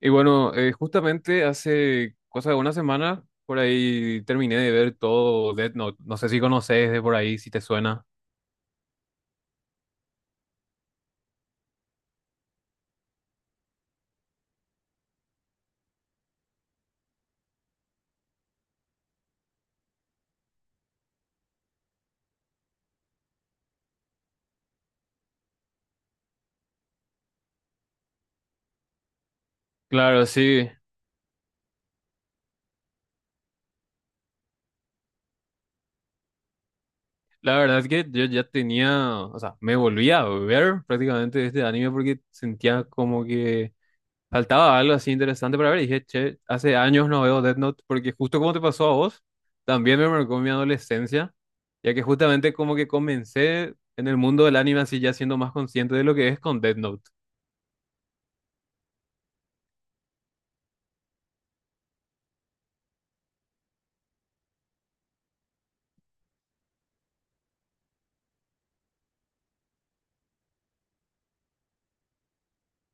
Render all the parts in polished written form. Y bueno, justamente hace cosa de una semana, por ahí terminé de ver todo Death Note. No sé si conoces de por ahí, si te suena. Claro, sí. La verdad es que yo ya tenía, o sea, me volví a ver prácticamente este anime porque sentía como que faltaba algo así interesante para ver. Y dije, che, hace años no veo Death Note porque justo como te pasó a vos, también me marcó mi adolescencia, ya que justamente como que comencé en el mundo del anime así ya siendo más consciente de lo que es con Death Note.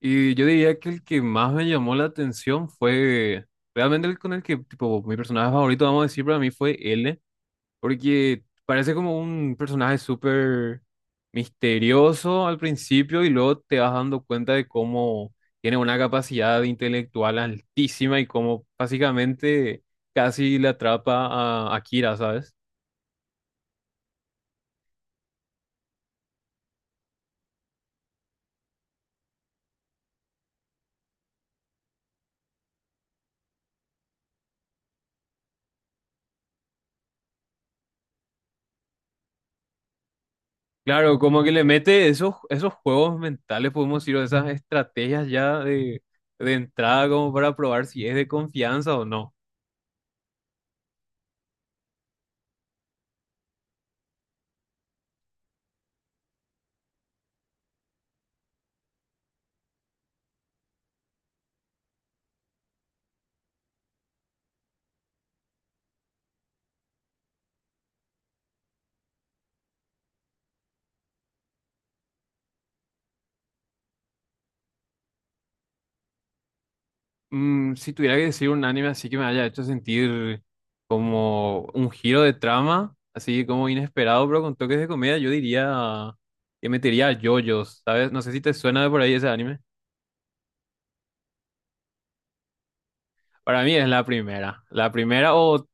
Y yo diría que el que más me llamó la atención fue realmente el con el que, tipo, mi personaje favorito, vamos a decir, para mí fue L, porque parece como un personaje súper misterioso al principio y luego te vas dando cuenta de cómo tiene una capacidad intelectual altísima y cómo básicamente casi le atrapa a Akira, ¿sabes? Claro, como que le mete esos juegos mentales, podemos decir, o esas estrategias ya de entrada como para probar si es de confianza o no. Si tuviera que decir un anime así que me haya hecho sentir como un giro de trama, así como inesperado, pero con toques de comedia, yo diría que metería a JoJo's, ¿sabes? No sé si te suena de por ahí ese anime. Para mí es la primera. La primera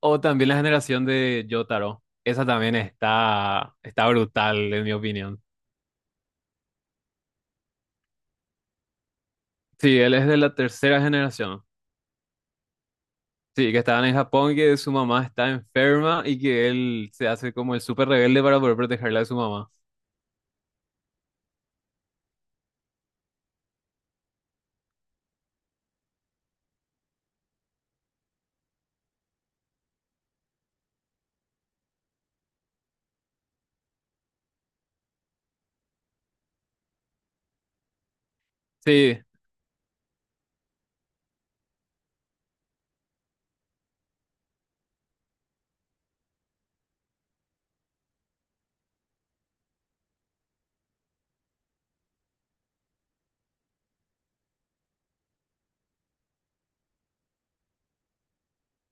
o también la generación de Jotaro. Esa también está brutal, en mi opinión. Sí, él es de la tercera generación. Sí, que estaban en Japón y que su mamá está enferma y que él se hace como el súper rebelde para poder protegerla de su mamá. Sí,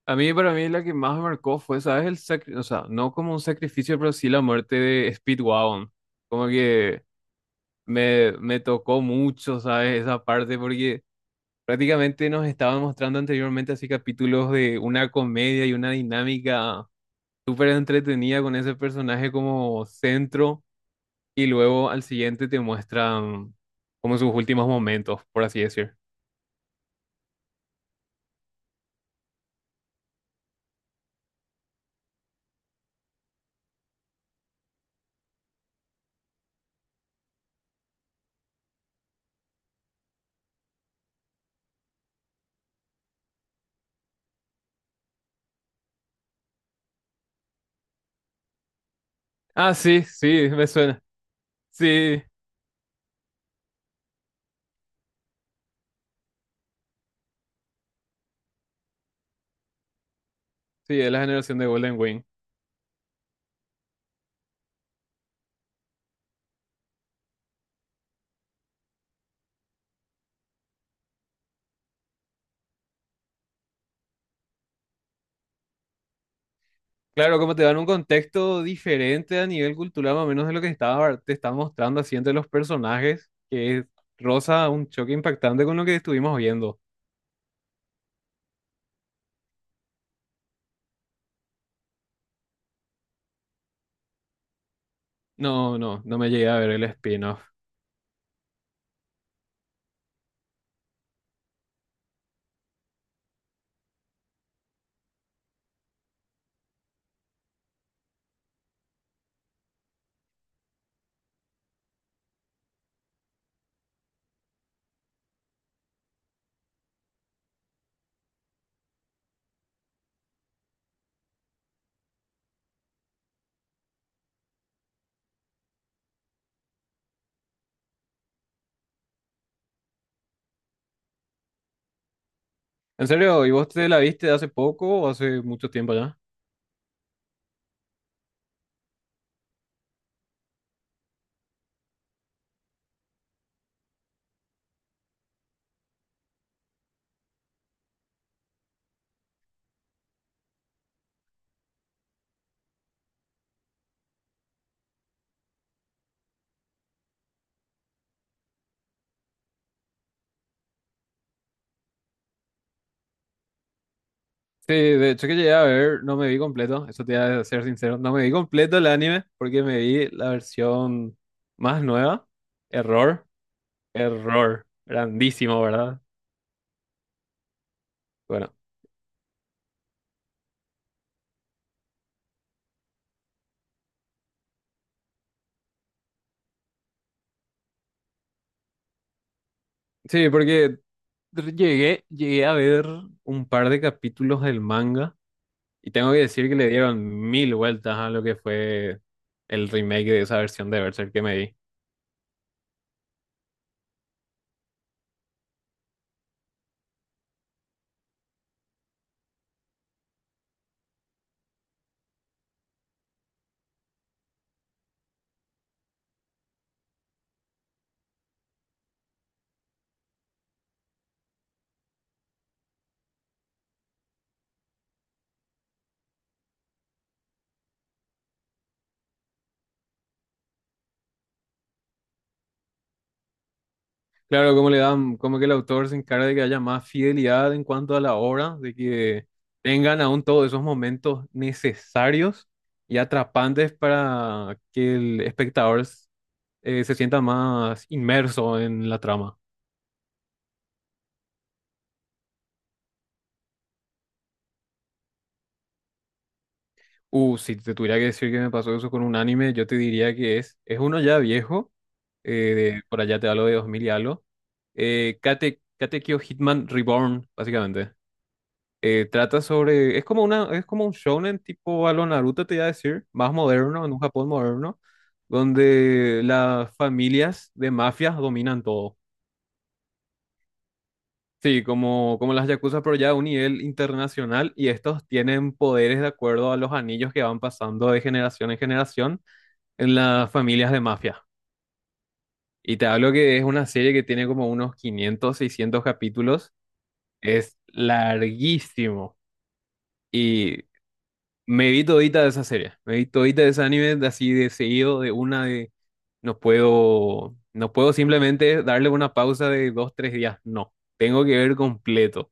a mí para mí la que más me marcó fue, ¿sabes? El o sea, no como un sacrificio, pero sí la muerte de Speedwagon. Como que me tocó mucho, ¿sabes? Esa parte porque prácticamente nos estaban mostrando anteriormente así capítulos de una comedia y una dinámica súper entretenida con ese personaje como centro. Y luego al siguiente te muestran como sus últimos momentos, por así decir. Ah, sí, sí, me suena. Sí, sí, es la generación de Golden Wing. Claro, como te dan un contexto diferente a nivel cultural, más o menos de lo que estaba, te está mostrando así entre los personajes, que roza un choque impactante con lo que estuvimos viendo. No, no, no me llegué a ver el spin-off. ¿En serio? ¿Y vos te la viste hace poco o hace mucho tiempo ya? Sí, de hecho que llegué a ver, no me vi completo, eso te voy a ser sincero, no me vi completo el anime porque me vi la versión más nueva. Error, error, grandísimo, ¿verdad? Bueno, sí, porque llegué a ver un par de capítulos del manga y tengo que decir que le dieron mil vueltas a lo que fue el remake de esa versión de Berserk que me vi. Claro, como le dan, como que el autor se encarga de que haya más fidelidad en cuanto a la obra, de que tengan aún todos esos momentos necesarios y atrapantes para que el espectador se sienta más inmerso en la trama. Si te tuviera que decir que me pasó eso con un anime, yo te diría que es uno ya viejo, por allá te hablo de 2000 y algo, Katekyo Hitman Reborn, básicamente. Trata sobre, es como una, es como un shonen tipo a lo Naruto, te iba a decir, más moderno, en un Japón moderno, donde las familias de mafias dominan todo. Sí, como las yakuza, pero ya a un nivel internacional, y estos tienen poderes de acuerdo a los anillos que van pasando de generación en generación en las familias de mafia. Y te hablo que es una serie que tiene como unos 500 600 capítulos, es larguísimo. Y me vi todita de esa serie, me vi todita de ese anime de así de seguido, de una de no puedo simplemente darle una pausa de 2, 3 días, no, tengo que ver completo.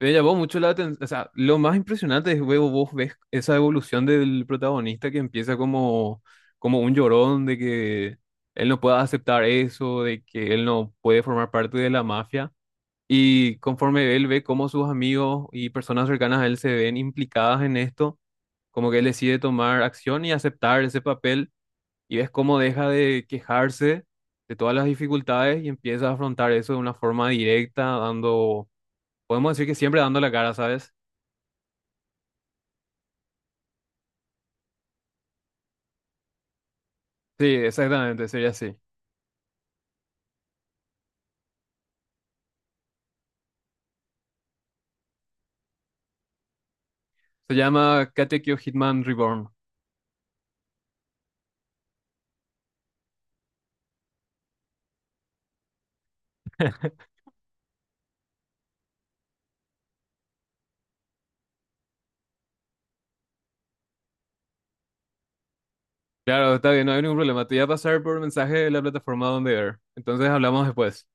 Me llamó mucho la atención, o sea, lo más impresionante es luego vos ves esa evolución del protagonista que empieza como un llorón de que él no pueda aceptar eso, de que él no puede formar parte de la mafia. Y conforme él ve cómo sus amigos y personas cercanas a él se ven implicadas en esto, como que él decide tomar acción y aceptar ese papel y ves cómo deja de quejarse de todas las dificultades y empieza a afrontar eso de una forma directa, dando, podemos decir que siempre dando la cara, ¿sabes? Sí, exactamente, sería así. Se llama Katekyo Hitman Reborn. Claro, está bien, no hay ningún problema. Te voy a pasar por mensaje de la plataforma donde ver. Entonces hablamos después.